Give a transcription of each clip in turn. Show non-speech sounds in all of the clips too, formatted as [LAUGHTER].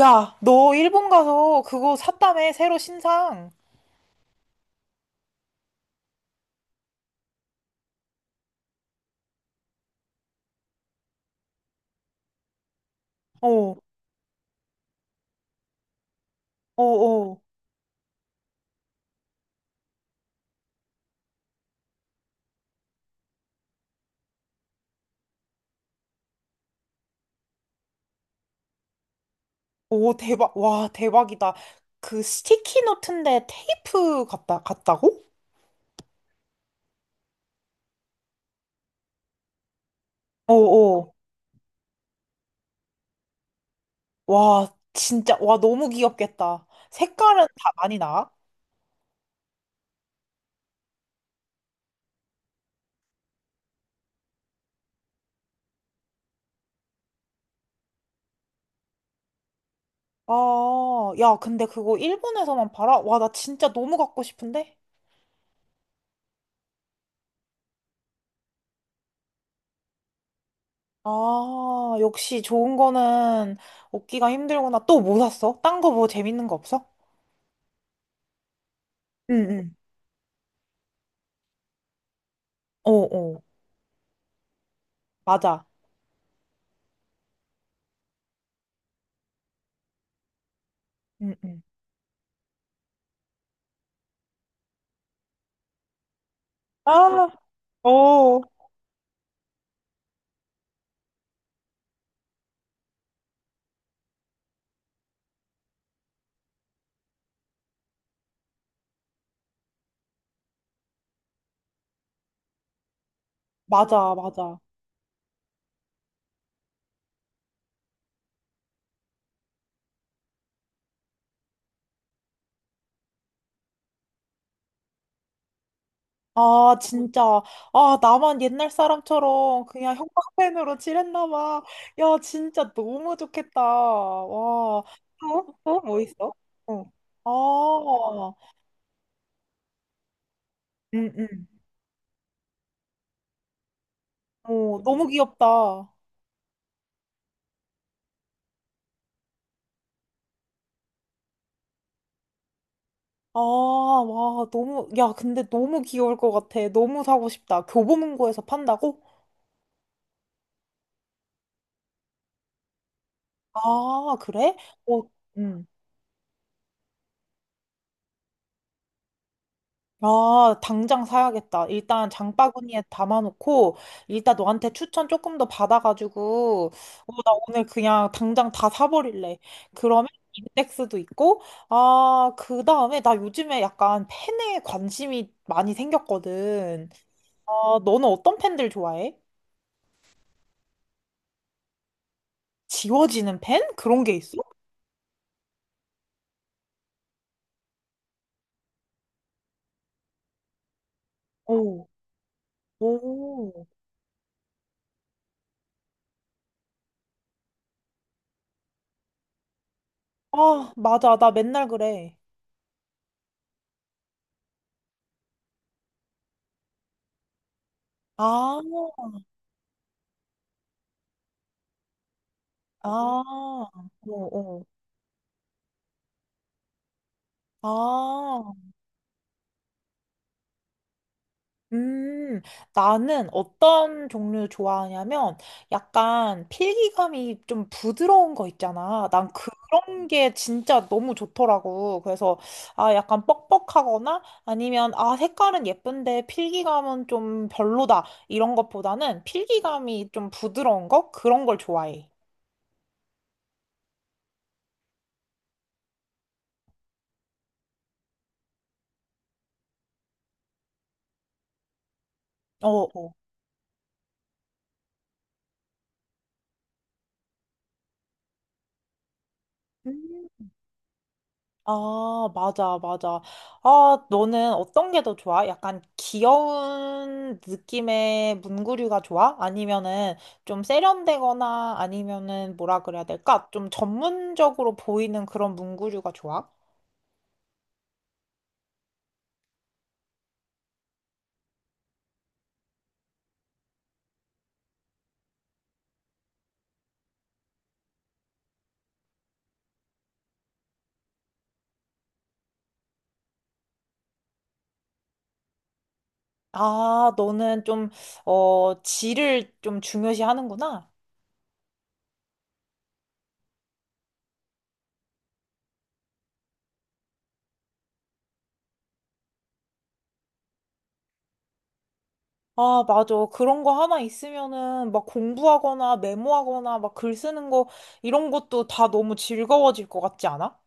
야, 너 일본 가서 그거 샀다며, 새로 신상. 어, 어, 어. 오, 대박. 와, 대박이다. 그 스티키 노트인데 테이프 같다, 같다고? 어, 어. 와, 진짜. 와, 너무 귀엽겠다. 색깔은 다 많이 나? 아, 야, 근데 그거 일본에서만 팔아? 와, 나 진짜 너무 갖고 싶은데? 아, 역시 좋은 거는 얻기가 힘들구나. 또 뭐 샀어? 딴 거 뭐 재밌는 거 없어? 응, 응. 어, 어. 맞아. 응, 응. 아, 어, 맞아, 맞아. 아, 진짜. 아, 나만 옛날 사람처럼 그냥 형광펜으로 칠했나 봐. 야, 진짜 너무 좋겠다. 와. 또? 또? 뭐 있어? 어. 아, 응, 응. 어, 너무 귀엽다. 아, 와, 너무, 야, 근데 너무 귀여울 것 같아. 너무 사고 싶다. 교보문고에서 판다고? 아, 그래? 어, 응. 아, 당장 사야겠다. 일단 장바구니에 담아놓고, 일단 너한테 추천 조금 더 받아가지고, 어, 나 오늘 그냥 당장 다 사버릴래. 그러면 인덱스도 있고, 아, 그 다음에 나 요즘에 약간 팬에 관심이 많이 생겼거든. 아, 너는 어떤 팬들 좋아해? 지워지는 팬? 그런 게 있어? 오, 오. 아, 맞아. 나 맨날 그래. 아, 아, 어, 어. 아, 음, 나는 어떤 종류 좋아하냐면 약간 필기감이 좀 부드러운 거 있잖아. 난 그런 게 진짜 너무 좋더라고. 그래서 아, 약간 뻑뻑하거나 아니면 아, 색깔은 예쁜데 필기감은 좀 별로다. 이런 것보다는 필기감이 좀 부드러운 거? 그런 걸 좋아해. 어, 어. 음. 아, 맞아, 맞아. 아, 너는 어떤 게 더 좋아? 약간 귀여운 느낌의 문구류가 좋아? 아니면은 좀 세련되거나 아니면은 뭐라 그래야 될까? 좀 전문적으로 보이는 그런 문구류가 좋아? 아, 너는 좀, 어, 질을 좀 중요시 하는구나. 아, 맞아. 그런 거 하나 있으면은 막 공부하거나 메모하거나 막 글 쓰는 거 이런 것도 다 너무 즐거워질 것 같지 않아?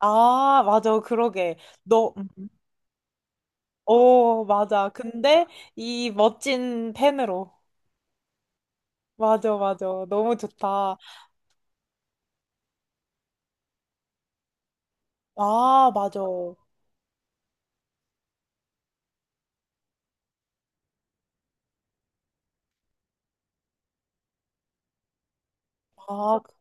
아, 맞아. 그러게. 너, 오, 맞아. 근데 이 멋진 펜으로. 맞아, 맞아. 너무 좋다. 아, 맞아. 아, 그-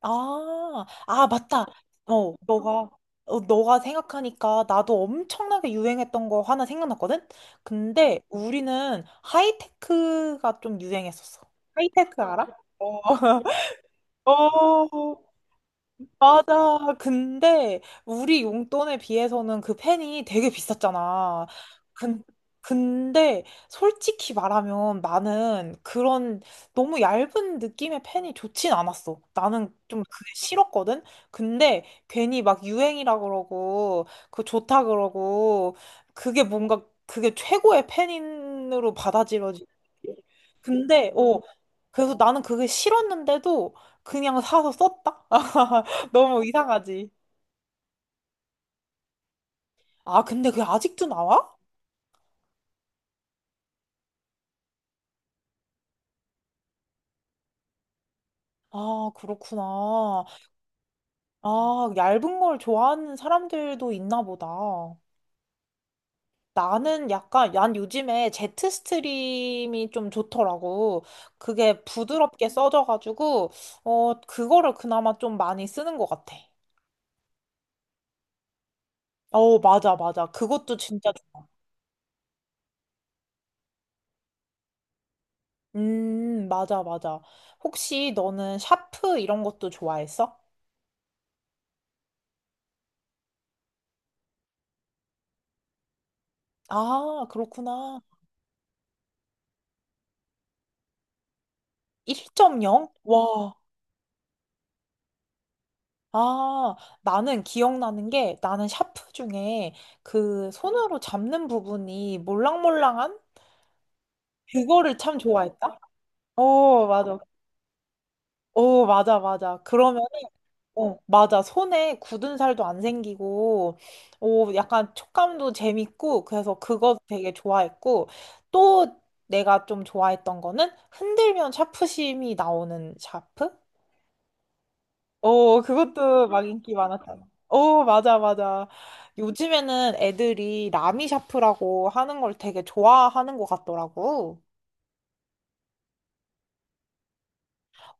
아, 아, 맞다. 어, 너가, 어, 너가 생각하니까 나도 엄청나게 유행했던 거 하나 생각났거든? 근데 우리는 하이테크가 좀 유행했었어. 하이테크 알아? 어. [LAUGHS] 어. 맞아. 근데 우리 용돈에 비해서는 그 펜이 되게 비쌌잖아. 근, 근데 솔직히 말하면 나는 그런 너무 얇은 느낌의 펜이 좋진 않았어. 나는 좀 그게 싫었거든. 근데 괜히 막 유행이라 그러고 그거 좋다 그러고 그게 뭔가 그게 최고의 펜으로 받아들여지. 근데 어 그래서 나는 그게 싫었는데도 그냥 사서 썼다. [LAUGHS] 너무 이상하지. 아, 근데 그게 아직도 나와? 아, 그렇구나. 아, 얇은 걸 좋아하는 사람들도 있나 보다. 나는 약간, 난 요즘에 제트 스트림이 좀 좋더라고. 그게 부드럽게 써져가지고, 어, 그거를 그나마 좀 많이 쓰는 것 같아. 어, 맞아, 맞아. 그것도 진짜, 좋- 맞아, 맞아. 혹시 너는 샤프 이런 것도 좋아했어? 아, 그렇구나. 1.0? 와. 아, 나는 기억나는 게 나는 샤프 중에 그 손으로 잡는 부분이 몰랑몰랑한 그거를 참 좋아했다. 오, 맞아. 오, 맞아, 맞아. 그러면, 어, 맞아. 손에 굳은 살도 안 생기고, 오, 약간 촉감도 재밌고, 그래서 그거 되게 좋아했고, 또 내가 좀 좋아했던 거는 흔들면 샤프심이 나오는 샤프? 어, 그것도 막 인기 많았잖아. 어, 맞아, 맞아. 요즘에는 애들이 라미샤프라고 하는 걸 되게 좋아하는 것 같더라고.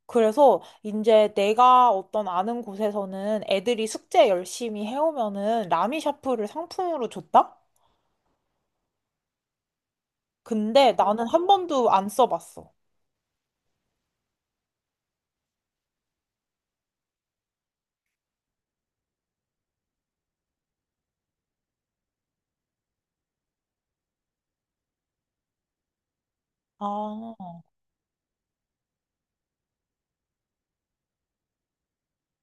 그래서 이제 내가 어떤 아는 곳에서는 애들이 숙제 열심히 해오면은 라미샤프를 상품으로 줬다? 근데 나는 한 번도 안 써봤어. 아,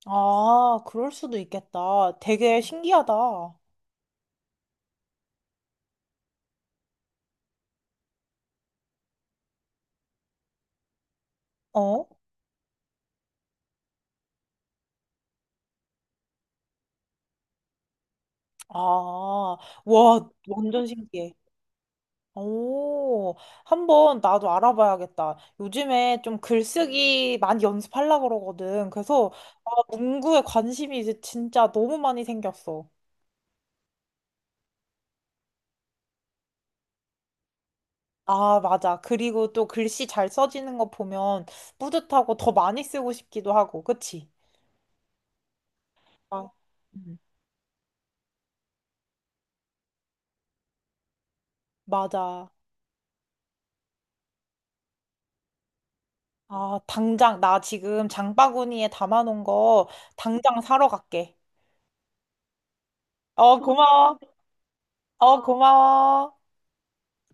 아, 그럴 수도 있겠다. 되게 신기하다. 어? 아, 와, 완전 신기해. 오, 한번 나도 알아봐야겠다. 요즘에 좀 글쓰기 많이 연습하려고 그러거든. 그래서 아, 문구에 관심이 이제 진짜 너무 많이 생겼어. 아, 맞아. 그리고 또 글씨 잘 써지는 거 보면 뿌듯하고 더 많이 쓰고 싶기도 하고, 그치? 아, 음, 맞아. 아, 당장, 나 지금 장바구니에 담아놓은 거 당장 사러 갈게. 어, 고마워. 어, 고마워.